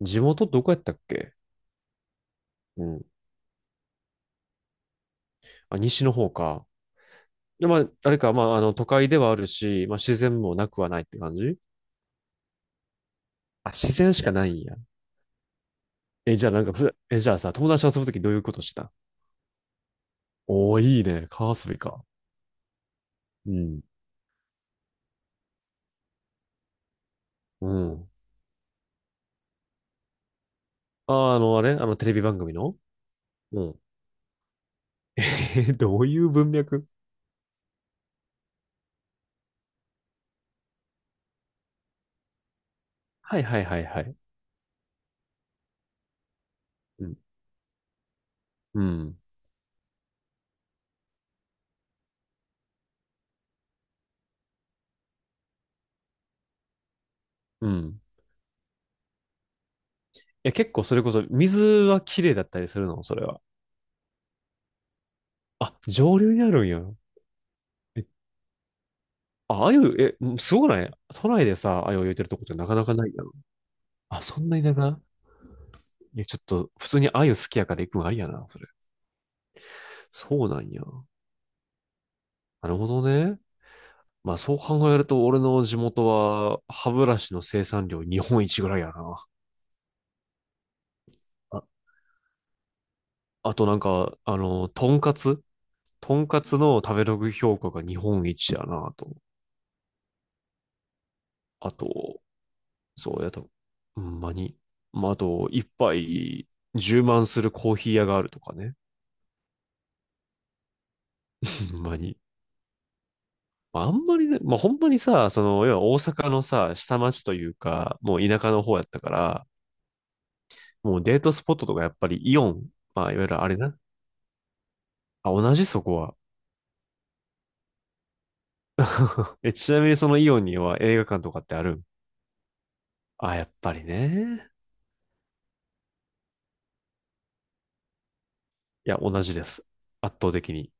地元どこやったっけ？うん。あ、西の方か。で、まあ、あれか、まあ、都会ではあるし、まあ、自然もなくはないって感じ？あ、自然しかないんや。え、じゃあなんかふ、え、じゃあさ、友達と遊ぶときどういうことした？おー、いいね。川遊びか。うん。うん。あ、あれテレビ番組の？うん。え、どういう文脈？はいはいはいはい。うん。うん。うん。いや、結構それこそ、水は綺麗だったりするの、それは？あ、上流にあるんや。あ、あゆ。え、すごくない？都内でさ、あゆを焼いてるとこってなかなかないやん。あ、そんな田舎？いや、ちょっと、普通にあゆ好きやから行くのありやな、それ。そうなんや。なるほどね。まあ、そう考えると、俺の地元は、歯ブラシの生産量日本一ぐらいやな。あ、あとなんか、とんかつの食べログ評価が日本一やなと。あと、そうやと、ほんまに。まあ、あと、一杯い充満するコーヒー屋があるとかね。ほんまに。まああんまりね、まあ本当にさ、その、要は大阪のさ、下町というか、もう田舎の方やったから、もうデートスポットとかやっぱりイオン、まあいわゆるあれな。あ、同じそこは。え、ちなみにそのイオンには映画館とかってあるん？あ、やっぱりね。いや、同じです。圧倒的に。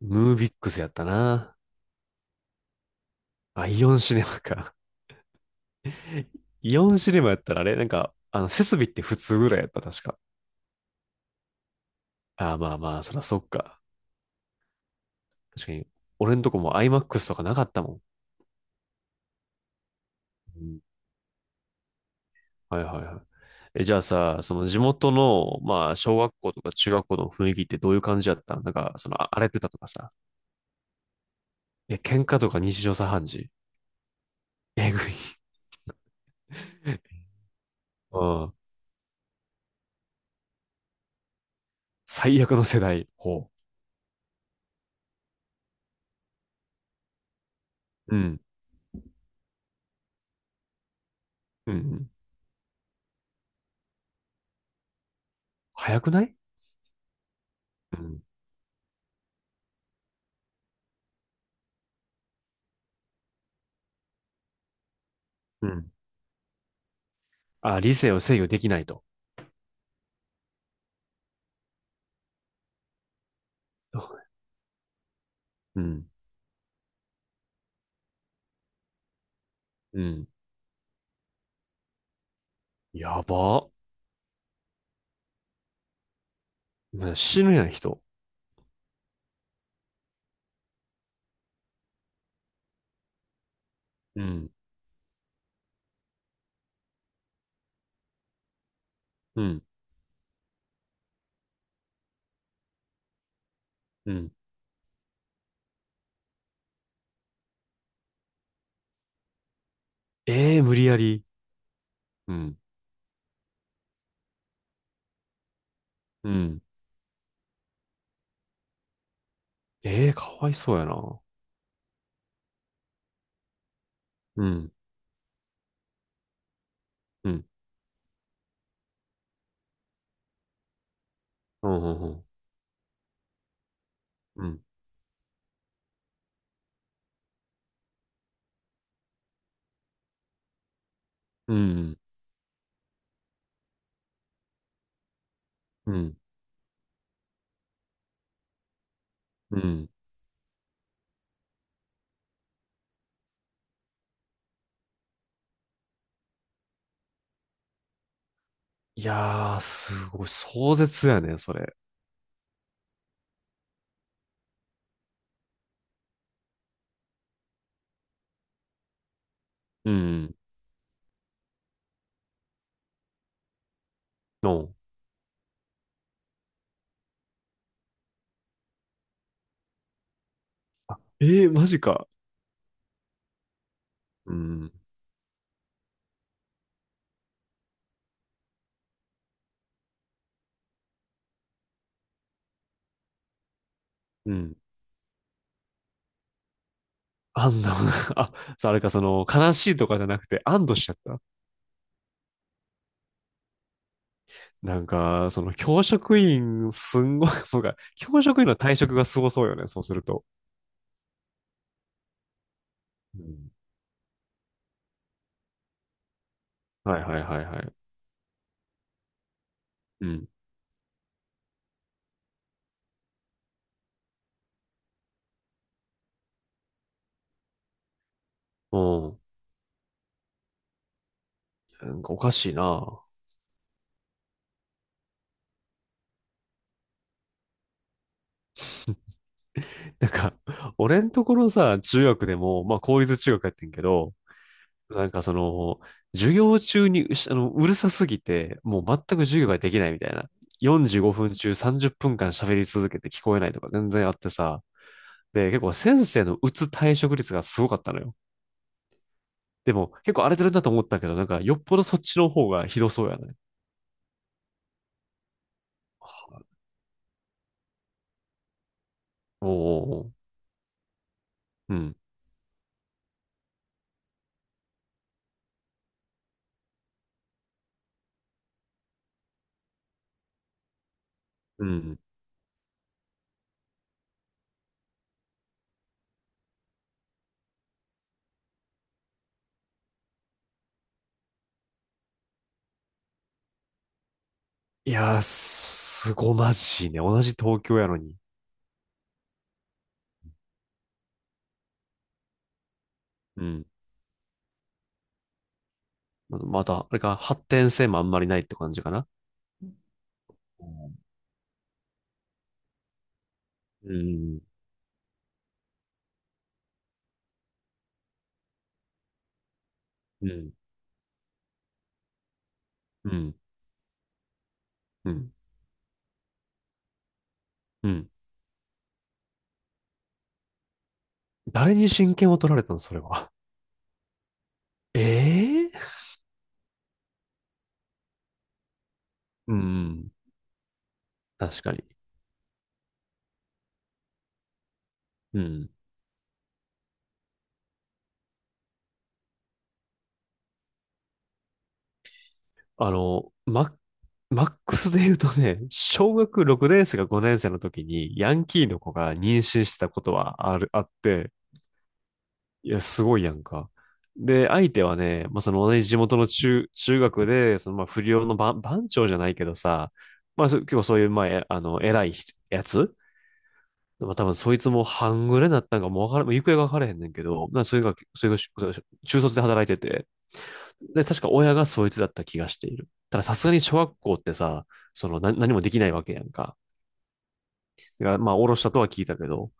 ムービックスやったな。あ、イオンシネマか。イオンシネマやったらあれなんか、設備って普通ぐらいやった、確か。あ、まあまあ、そらそっか。確かに、俺んとこも IMAX とかなかったもん。うん。はいはいはい。え、じゃあさ、その地元の、まあ、小学校とか中学校の雰囲気ってどういう感じだった？なんか、その、荒れてたとかさ。え、喧嘩とか日常茶飯事？えぐい。うん。最悪の世代。ほう。うん。うん。うん。早くない？うん。うん。あ、理性を制御できないと。うん。うん。やば。ね、死ぬやん、人。うん。うん。うん。ええ、無理やり？うん。うん。ええ、かわいそうやな。うん。うん。うん。うん。うん。うん、うん、うん。いやー、すごい、壮絶やね、それ。うん。の、えー、マジか。うん、うん。安堵？ あ、そう、あれか、その、悲しいとかじゃなくて、安堵しちゃった。なんか、その、教職員、すんごい、教職員の退職がすごそうよね、そうすると。うん。はいはいはいはい。うん。うん。なんかおかしいな。なんか、俺んところさ、中学でも、まあ、公立中学やってんけど、なんかその、授業中にうしあの、うるさすぎて、もう全く授業ができないみたいな。45分中30分間喋り続けて聞こえないとか全然あってさ。で、結構先生の退職率がすごかったのよ。でも結構荒れてるんだと思ったけど、なんかよっぽどそっちの方がひどそうやね。おうううん。うん。いやー、すごまじいね。同じ東京やのに。うん。また、あれか、発展性もあんまりないって感じかな。うん。うん。うん。うん。うん。うん。誰に親権を取られたの、それは？ええ。うんうん、確かに。うん。あの、マ、マックスで言うとね、小学6年生か5年生の時にヤンキーの子が妊娠してたことはあって、いや、すごいやんか。で、相手はね、まあ、その同じ地元の中学で、そのまあ不良の番長じゃないけどさ、まあ、結構そういう、まあ、えあの、偉い人やつ。まあ多分そいつも半グレになったんかもうわからん、もう行方がわからへんねんけど、それが中卒で働いてて、で、確か親がそいつだった気がしている。たださすがに小学校ってさ、その何もできないわけやんか。だからまあ、おろしたとは聞いたけど、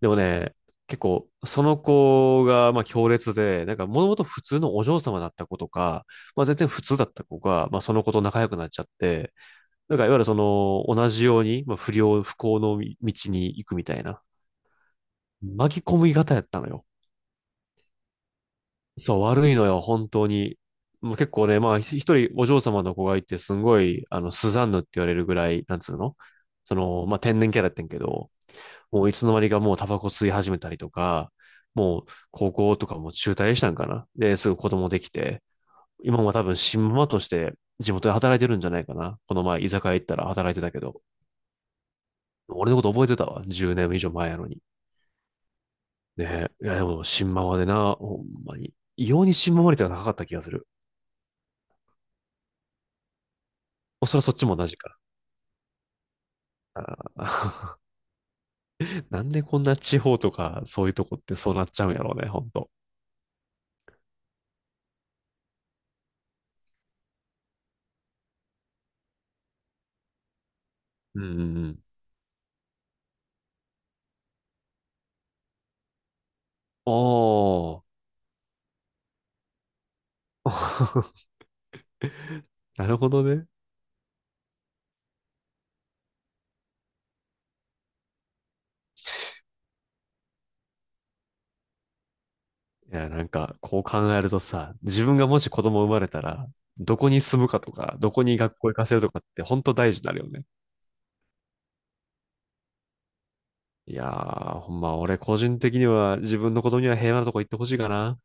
でもね、結構、その子が、まあ、強烈で、なんか、もともと普通のお嬢様だった子とか、まあ、全然普通だった子が、まあ、その子と仲良くなっちゃって、なんか、いわゆるその、同じように、まあ、不幸の道に行くみたいな。巻き込み型やったのよ。そう、悪いのよ、本当に。もう結構ね、まあ、一人お嬢様の子がいて、すごい、スザンヌって言われるぐらい、なんつうのその、まあ、天然キャラやってんけど、もういつの間にかもうタバコ吸い始めたりとか、もう高校とかも中退したんかな。で、すぐ子供できて、今も多分新ママとして地元で働いてるんじゃないかな。この前、居酒屋行ったら働いてたけど、俺のこと覚えてたわ。10年以上前やのに。ねえ。いや、でも、新ママでな、ほんまに。異様に新ママ率が高かった気がする。おそらくそっちも同じからな。なんでこんな地方とか、そういうとこってそうなっちゃうんやろうね、ほんと。うんうんうん。おー。なるほどね。いや、なんか、こう考えるとさ、自分がもし子供生まれたら、どこに住むかとか、どこに学校行かせるとかって、ほんと大事になるよね。いやー、ほんま、俺個人的には自分の子供には平和なとこ行ってほしいかな。